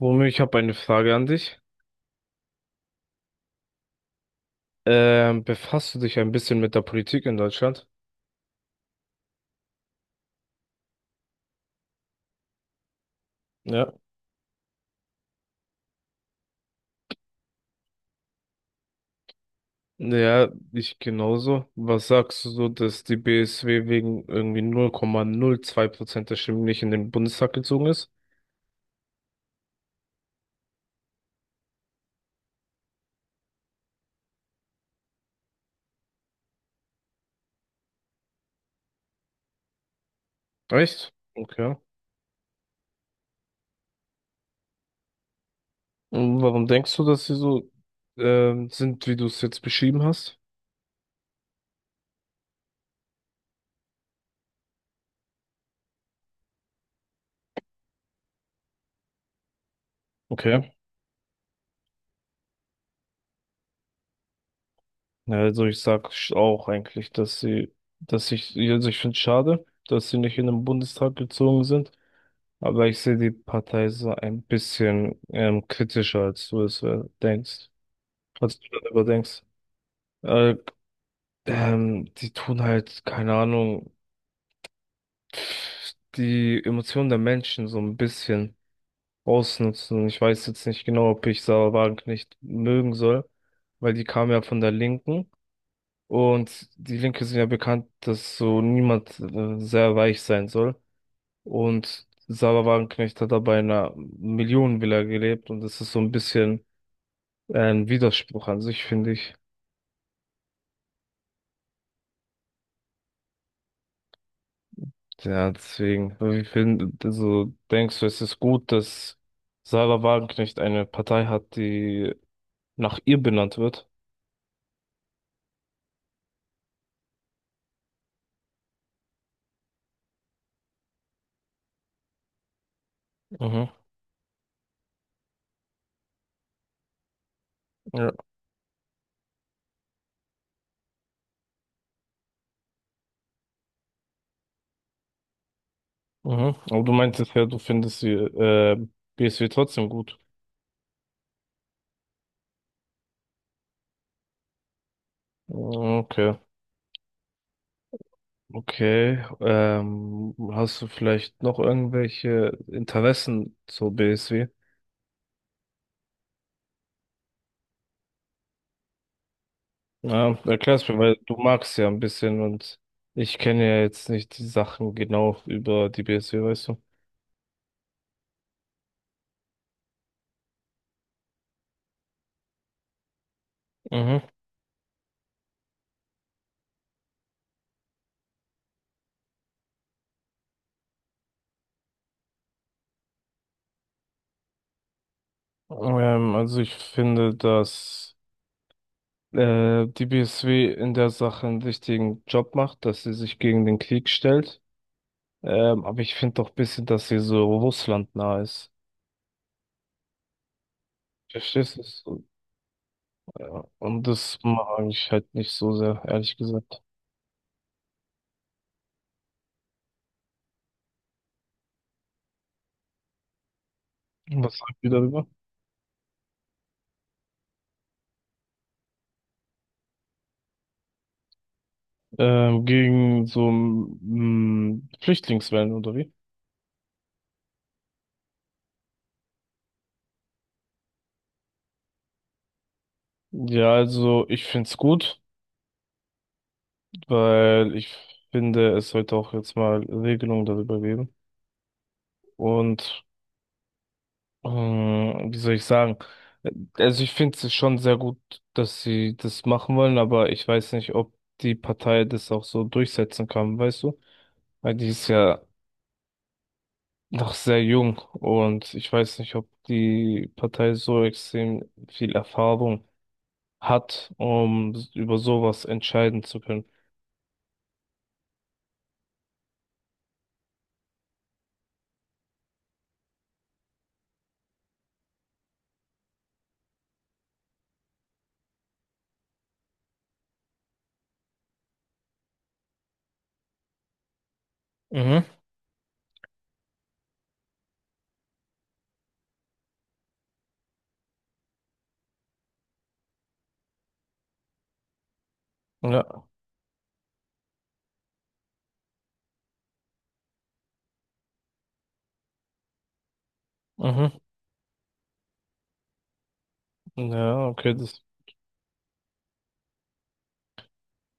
Womit ich habe eine Frage an dich. Befasst du dich ein bisschen mit der Politik in Deutschland? Ja. Ja, ich genauso. Was sagst du so, dass die BSW wegen irgendwie 0,02% der Stimmen nicht in den Bundestag gezogen ist? Echt? Okay. Und warum denkst du, dass sie so sind, wie du es jetzt beschrieben hast? Okay. Ja, also ich sag auch eigentlich, dass ich, also ich finde es schade, dass sie nicht in den Bundestag gezogen sind. Aber ich sehe die Partei so ein bisschen kritischer, als du es denkst, als du darüber denkst. Äh, Die tun halt, keine Ahnung, pff, die Emotionen der Menschen so ein bisschen ausnutzen. Ich weiß jetzt nicht genau, ob ich Sarah Wagenknecht nicht mögen soll, weil die kam ja von der Linken. Und die Linke sind ja bekannt, dass so niemand sehr weich sein soll. Und Sarah Wagenknecht hat aber in einer Millionenvilla gelebt und das ist so ein bisschen ein Widerspruch an sich, finde ich. Ja, deswegen, also denkst du, es ist gut, dass Sarah Wagenknecht eine Partei hat, die nach ihr benannt wird? Mhm. Ja. Mhm. Aber du meintest ja, du findest sie, BSW trotzdem gut. Mhm, okay. Okay. Hast du vielleicht noch irgendwelche Interessen zur BSW? Ja, erklär's mir, weil du magst ja ein bisschen und ich kenne ja jetzt nicht die Sachen genau über die BSW, weißt du? Mhm. Also ich finde, dass die BSW in der Sache einen wichtigen Job macht, dass sie sich gegen den Krieg stellt. Aber ich finde doch ein bisschen, dass sie so Russland nah ist. Verstehst du? So, ja. Und das mag ich halt nicht so sehr, ehrlich gesagt. Was sagt ihr darüber? Gegen so Flüchtlingswellen oder wie? Ja, also ich find's gut, weil ich finde, es sollte auch jetzt mal Regelungen darüber geben. Und wie soll ich sagen? Also ich finde es schon sehr gut, dass sie das machen wollen, aber ich weiß nicht, ob die Partei das auch so durchsetzen kann, weißt du? Weil die ist ja noch sehr jung und ich weiß nicht, ob die Partei so extrem viel Erfahrung hat, um über sowas entscheiden zu können. Mhm. Ja. Mhm. Ja, okay, das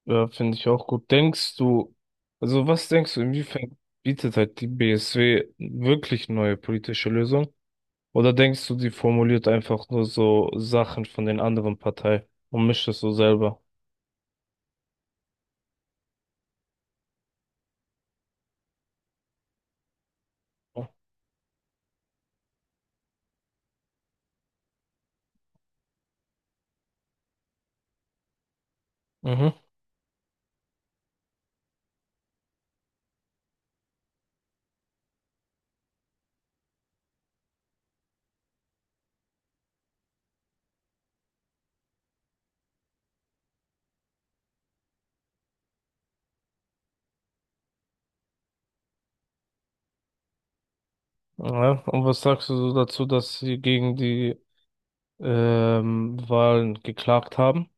ja, finde ich auch gut. Denkst du, also was denkst du, inwiefern bietet halt die BSW wirklich neue politische Lösungen? Oder denkst du, die formuliert einfach nur so Sachen von den anderen Parteien und mischt es so selber? Mhm. Ja, und was sagst du so dazu, dass sie gegen die Wahlen geklagt haben?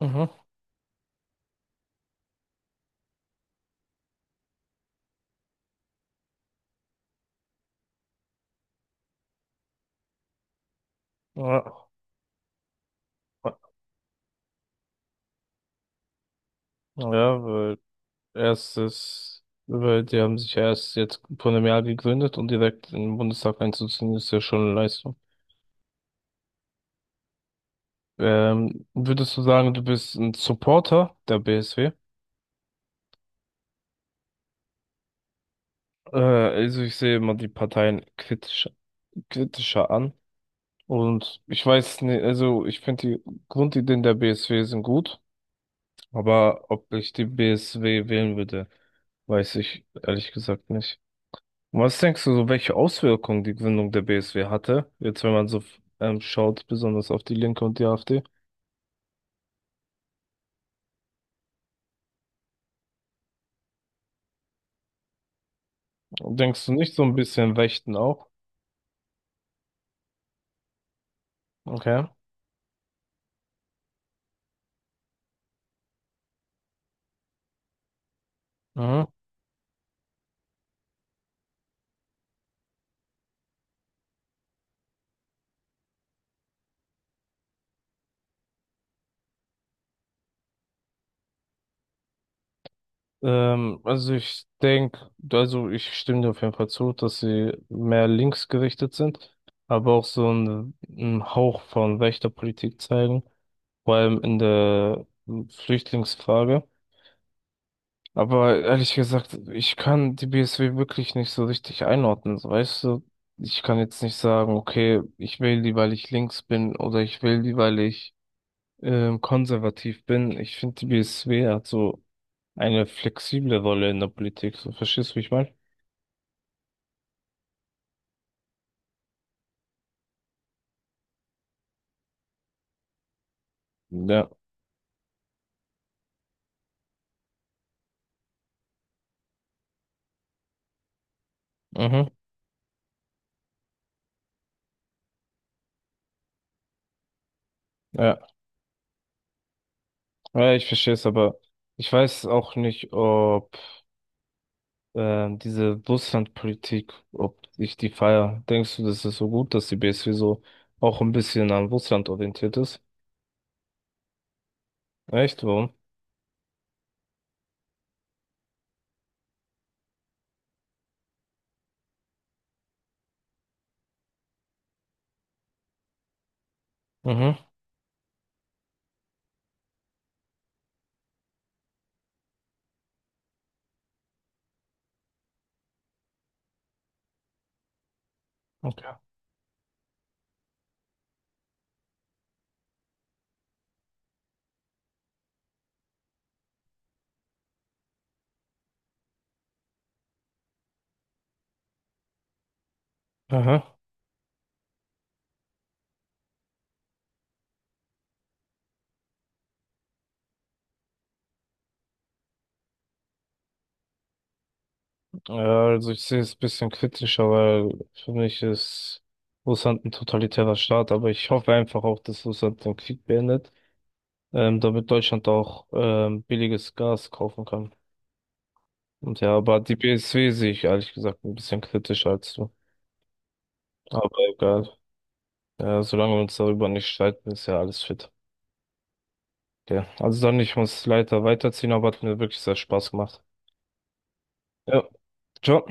Mhm. Ja, ja, weil Erstes, weil die haben sich ja erst jetzt vor einem Jahr gegründet und direkt in den Bundestag einzuziehen, ist ja schon eine Leistung. Würdest du sagen, du bist ein Supporter der BSW? Also ich sehe immer die Parteien kritisch, kritischer an. Und ich weiß nicht, also ich finde die Grundideen der BSW sind gut, aber ob ich die BSW wählen würde, weiß ich ehrlich gesagt nicht. Und was denkst du, so welche Auswirkungen die Gründung der BSW hatte? Jetzt, wenn man so schaut, besonders auf die Linke und die AfD. Denkst du nicht so ein bisschen Rechten auch? Okay. Mhm. Also ich denke, also ich stimme dir auf jeden Fall zu, dass sie mehr linksgerichtet sind, aber auch so einen Hauch von rechter Politik zeigen, vor allem in der Flüchtlingsfrage. Aber ehrlich gesagt, ich kann die BSW wirklich nicht so richtig einordnen, so, weißt du? Ich kann jetzt nicht sagen, okay, ich wähle die, weil ich links bin oder ich wähle die, weil ich konservativ bin. Ich finde, die BSW hat so eine flexible Rolle in der Politik. So, verstehst du, wie ich meine? Ja. Mhm. Ja. Ja, ich verstehe es, aber ich weiß auch nicht, ob diese Russlandpolitik, ob ich die feier. Denkst du, das ist so gut, dass die BSW so auch ein bisschen an Russland orientiert ist? Echt? Warum? Mhm, okay. Aha. Ja, also ich sehe es ein bisschen kritischer, weil für mich ist Russland ein totalitärer Staat, aber ich hoffe einfach auch, dass Russland den Krieg beendet, damit Deutschland auch billiges Gas kaufen kann. Und ja, aber die BSW sehe ich ehrlich gesagt ein bisschen kritischer als du. Aber egal. Ja, solange wir uns darüber nicht streiten, ist ja alles fit. Okay. Also dann, ich muss leider weiterziehen, aber hat mir wirklich sehr Spaß gemacht. Ja, ciao.